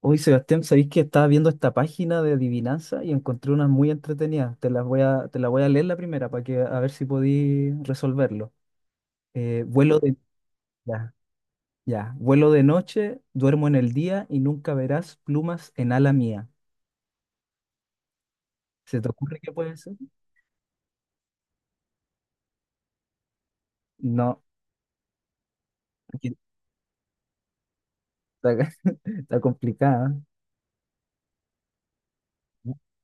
Hoy, Sebastián, sabéis que estaba viendo esta página de adivinanza y encontré unas muy entretenidas. Te la voy a leer la primera para que a ver si podí resolverlo. Eh, vuelo de, ya, ya. Vuelo de noche, duermo en el día y nunca verás plumas en ala mía. ¿Se te ocurre qué puede ser? No, aquí está, está complicada.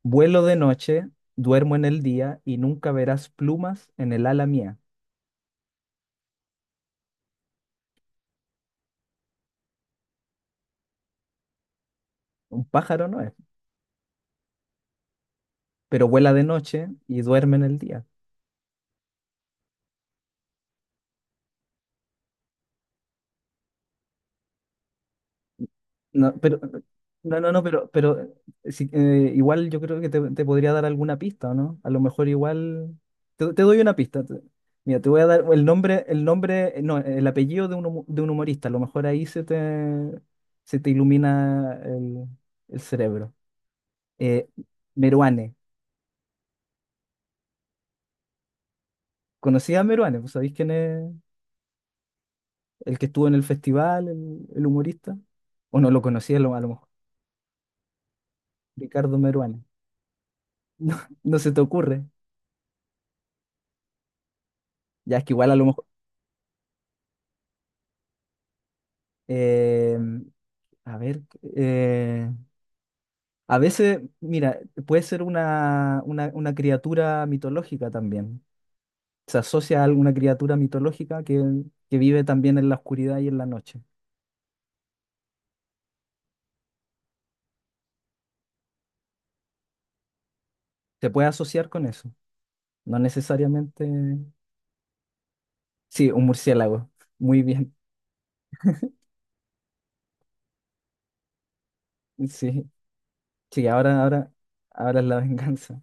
Vuelo de noche, duermo en el día y nunca verás plumas en el ala mía. Un pájaro no es, pero vuela de noche y duerme en el día. No, pero, no, pero sí, igual yo creo que te podría dar alguna pista, ¿o no? A lo mejor igual. Te doy una pista. Mira, te voy a dar el nombre, no, el apellido de de un humorista. A lo mejor ahí se te ilumina el cerebro. Eh, Meruane. ¿Conocías a Meruane? ¿Pues ¿sabéis quién es el que estuvo en el festival, el humorista? ¿O no lo conocías a lo mejor? Ricardo Meruane. No, no se te ocurre. Ya es que igual a lo mejor. Eh, a ver, eh, a veces, mira, puede ser una criatura mitológica también. Se asocia a alguna criatura mitológica que vive también en la oscuridad y en la noche. Se puede asociar con eso. No necesariamente. Sí, un murciélago. Muy bien. Sí, sí, ahora es la venganza.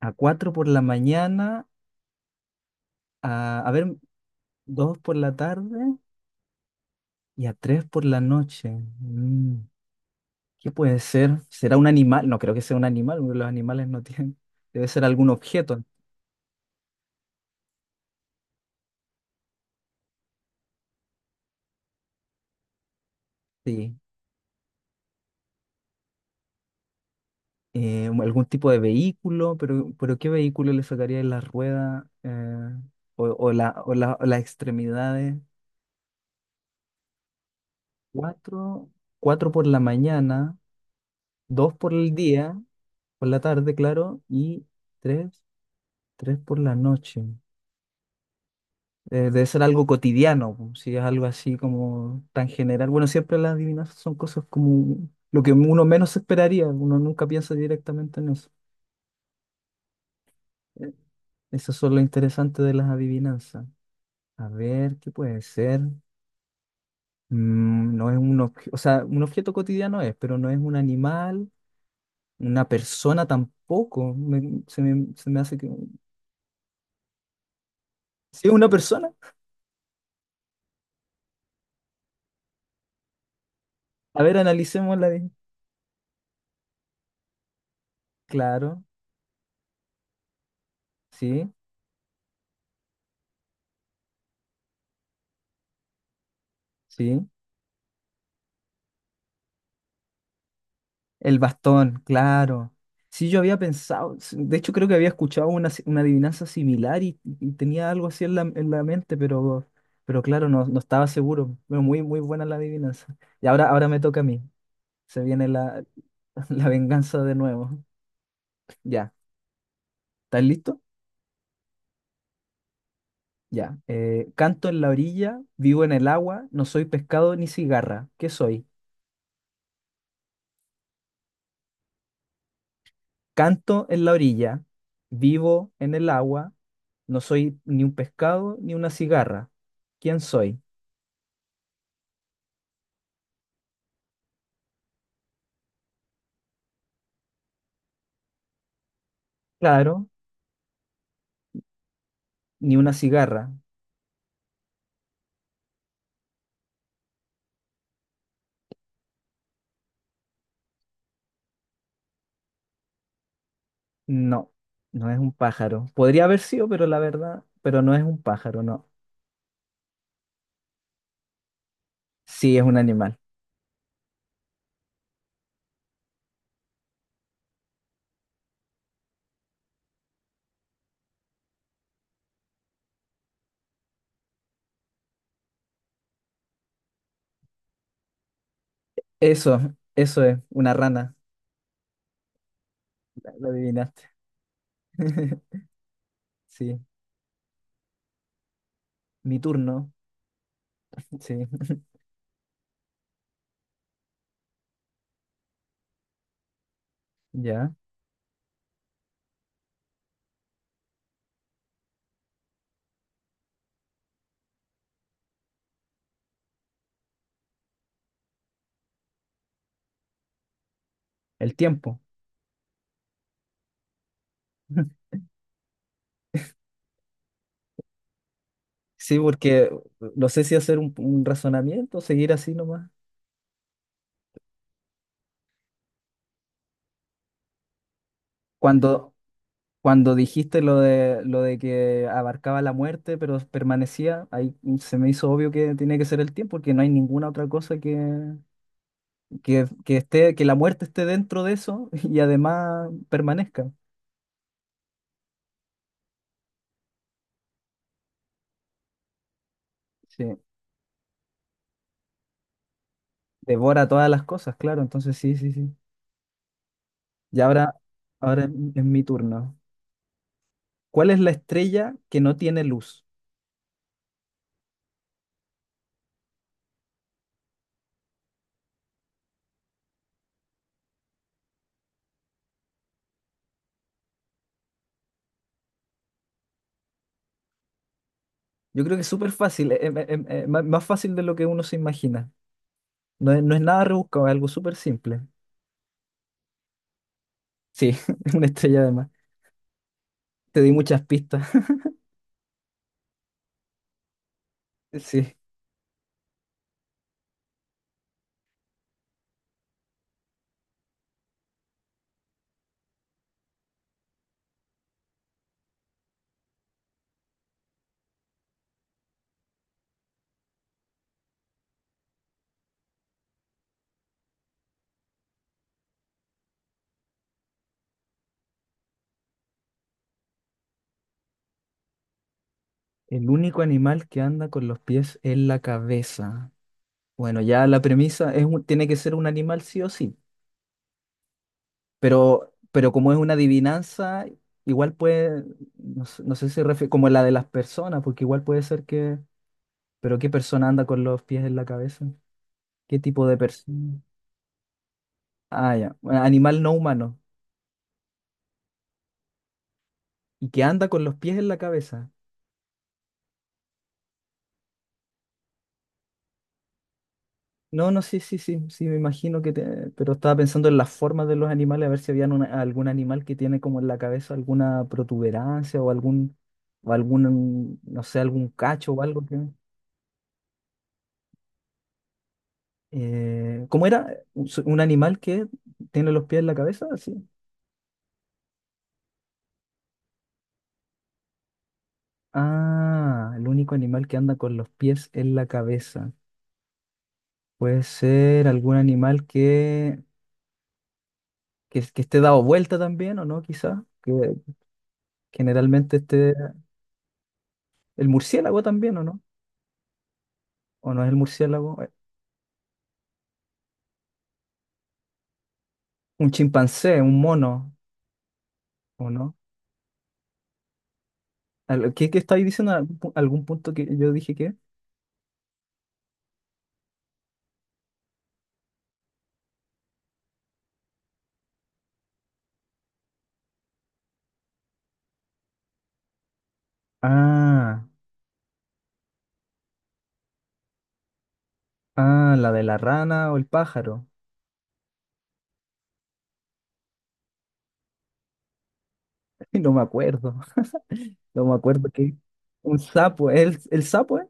A cuatro por la mañana, a ver, dos por la tarde y a tres por la noche. Mm. ¿Qué puede ser? ¿Será un animal? No creo que sea un animal, porque los animales no tienen. Debe ser algún objeto, sí. Algún tipo de vehículo, pero ¿qué vehículo le sacaría la rueda o las extremidades? Cuatro, cuatro por la mañana, dos por el día, por la tarde, claro, y tres, tres por la noche. Debe ser algo cotidiano, po, si es algo así como tan general. Bueno, siempre las adivinanzas son cosas como lo que uno menos esperaría, uno nunca piensa directamente en eso. Eh, Eso es lo interesante de las adivinanzas. A ver, ¿qué puede ser? Mm, no es un objeto, o sea, un objeto cotidiano es, pero no es un animal, una persona tampoco. Se me hace que... ¿Sí es una persona? A ver, analicémosla bien. Claro, sí, sí. El bastón, claro. Sí, yo había pensado, de hecho creo que había escuchado una, si- una adivinanza similar y tenía algo así en en la mente, pero claro, no, no estaba seguro. Pero muy, muy buena la adivinanza. Y ahora, ahora me toca a mí. Se viene la, la venganza de nuevo. Ya, ¿estás listo? Ya. Canto en la orilla, vivo en el agua, no soy pescado ni cigarra. ¿Qué soy? Canto en la orilla, vivo en el agua, no soy ni un pescado ni una cigarra. ¿Quién soy? Claro, ni una cigarra. No, no es un pájaro. Podría haber sido, pero la verdad, pero no es un pájaro, no. Sí, es un animal. Eso, eso es, una rana. Lo adivinaste. Sí, mi turno. Sí, ya. El tiempo. Sí, porque no sé si hacer un razonamiento, seguir así nomás. Cuando, cuando dijiste lo de que abarcaba la muerte, pero permanecía, ahí se me hizo obvio que tiene que ser el tiempo, porque no hay ninguna otra cosa que... que esté, que la muerte esté dentro de eso y además permanezca. Sí, devora todas las cosas, claro. Entonces, sí, sí, sí. Y ahora, ahora es es mi turno. ¿Cuál es la estrella que no tiene luz? Yo creo que es súper fácil, más fácil de lo que uno se imagina. No es nada rebuscado, es algo súper simple. Sí, es una estrella además. Te di muchas pistas. Sí. El único animal que anda con los pies en la cabeza. Bueno, ya la premisa es un- tiene que ser un animal sí o sí. Pero como es una adivinanza, igual puede, no sé, no sé si refiere, como la de las personas, porque igual puede ser que, pero ¿qué persona anda con los pies en la cabeza? ¿Qué tipo de persona? Ah, ya, bueno, animal no humano, y que anda con los pies en la cabeza. No, no, sí, sí, sí, sí, me imagino que, pero estaba pensando en las formas de los animales, a ver si había algún animal que tiene como en la cabeza alguna protuberancia o algún, no sé, algún cacho o algo que... ¿cómo era? Un animal que tiene los pies en la cabeza? Sí. Ah, el único animal que anda con los pies en la cabeza. Puede ser algún animal que esté dado vuelta también, ¿o no? Quizás. Que generalmente esté. El murciélago también, ¿o no? ¿O no es el murciélago? Un chimpancé, un mono, ¿o no? ¿Qué, qué estáis diciendo? ¿Algún algún punto que yo dije que? Ah, ah, la de la rana o el pájaro. No me acuerdo. No me acuerdo que un sapo. El sapo, eh?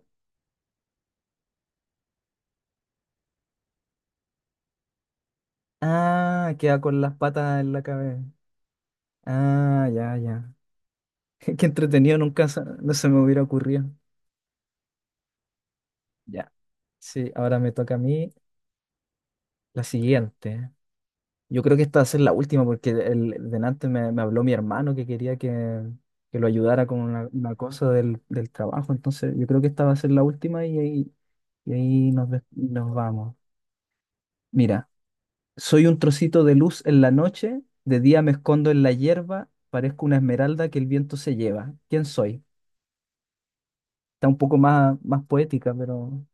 Ah, queda con las patas en la cabeza. Ah, ya, ya. Qué entretenido, nunca se- no se me hubiera ocurrido. Ya. Sí, ahora me toca a mí la siguiente. Yo creo que esta va a ser la última porque el, delante me habló mi hermano que quería que lo ayudara con una cosa del trabajo. Entonces, yo creo que esta va a ser la última y ahí nos vamos. Mira. Soy un trocito de luz en la noche, de día me escondo en la hierba, parezco una esmeralda que el viento se lleva. ¿Quién soy? Está un poco más, más poética, pero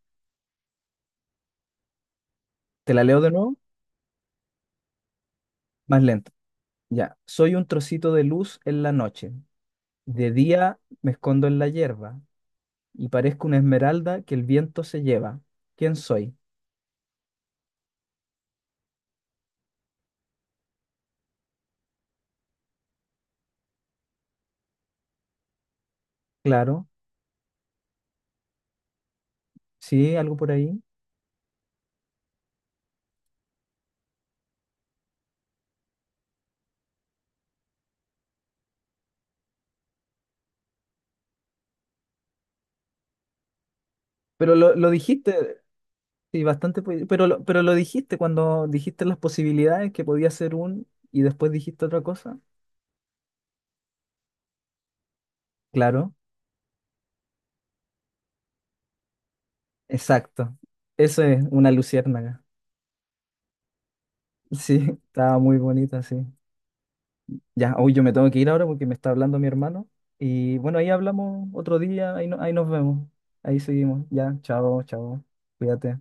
te la leo de nuevo, más lento. Ya, soy un trocito de luz en la noche, de día me escondo en la hierba y parezco una esmeralda que el viento se lleva. ¿Quién soy? Claro, sí, algo por ahí. Pero lo dijiste, sí, bastante, pero pero lo dijiste cuando dijiste las posibilidades que podía ser un y después dijiste otra cosa. Claro, exacto. Eso es una luciérnaga. Sí, estaba muy bonita, sí. Ya, hoy yo me tengo que ir ahora porque me está hablando mi hermano. Y bueno, ahí hablamos otro día, ahí, ahí nos vemos. Ahí seguimos. Ya, chao, chao. Cuídate.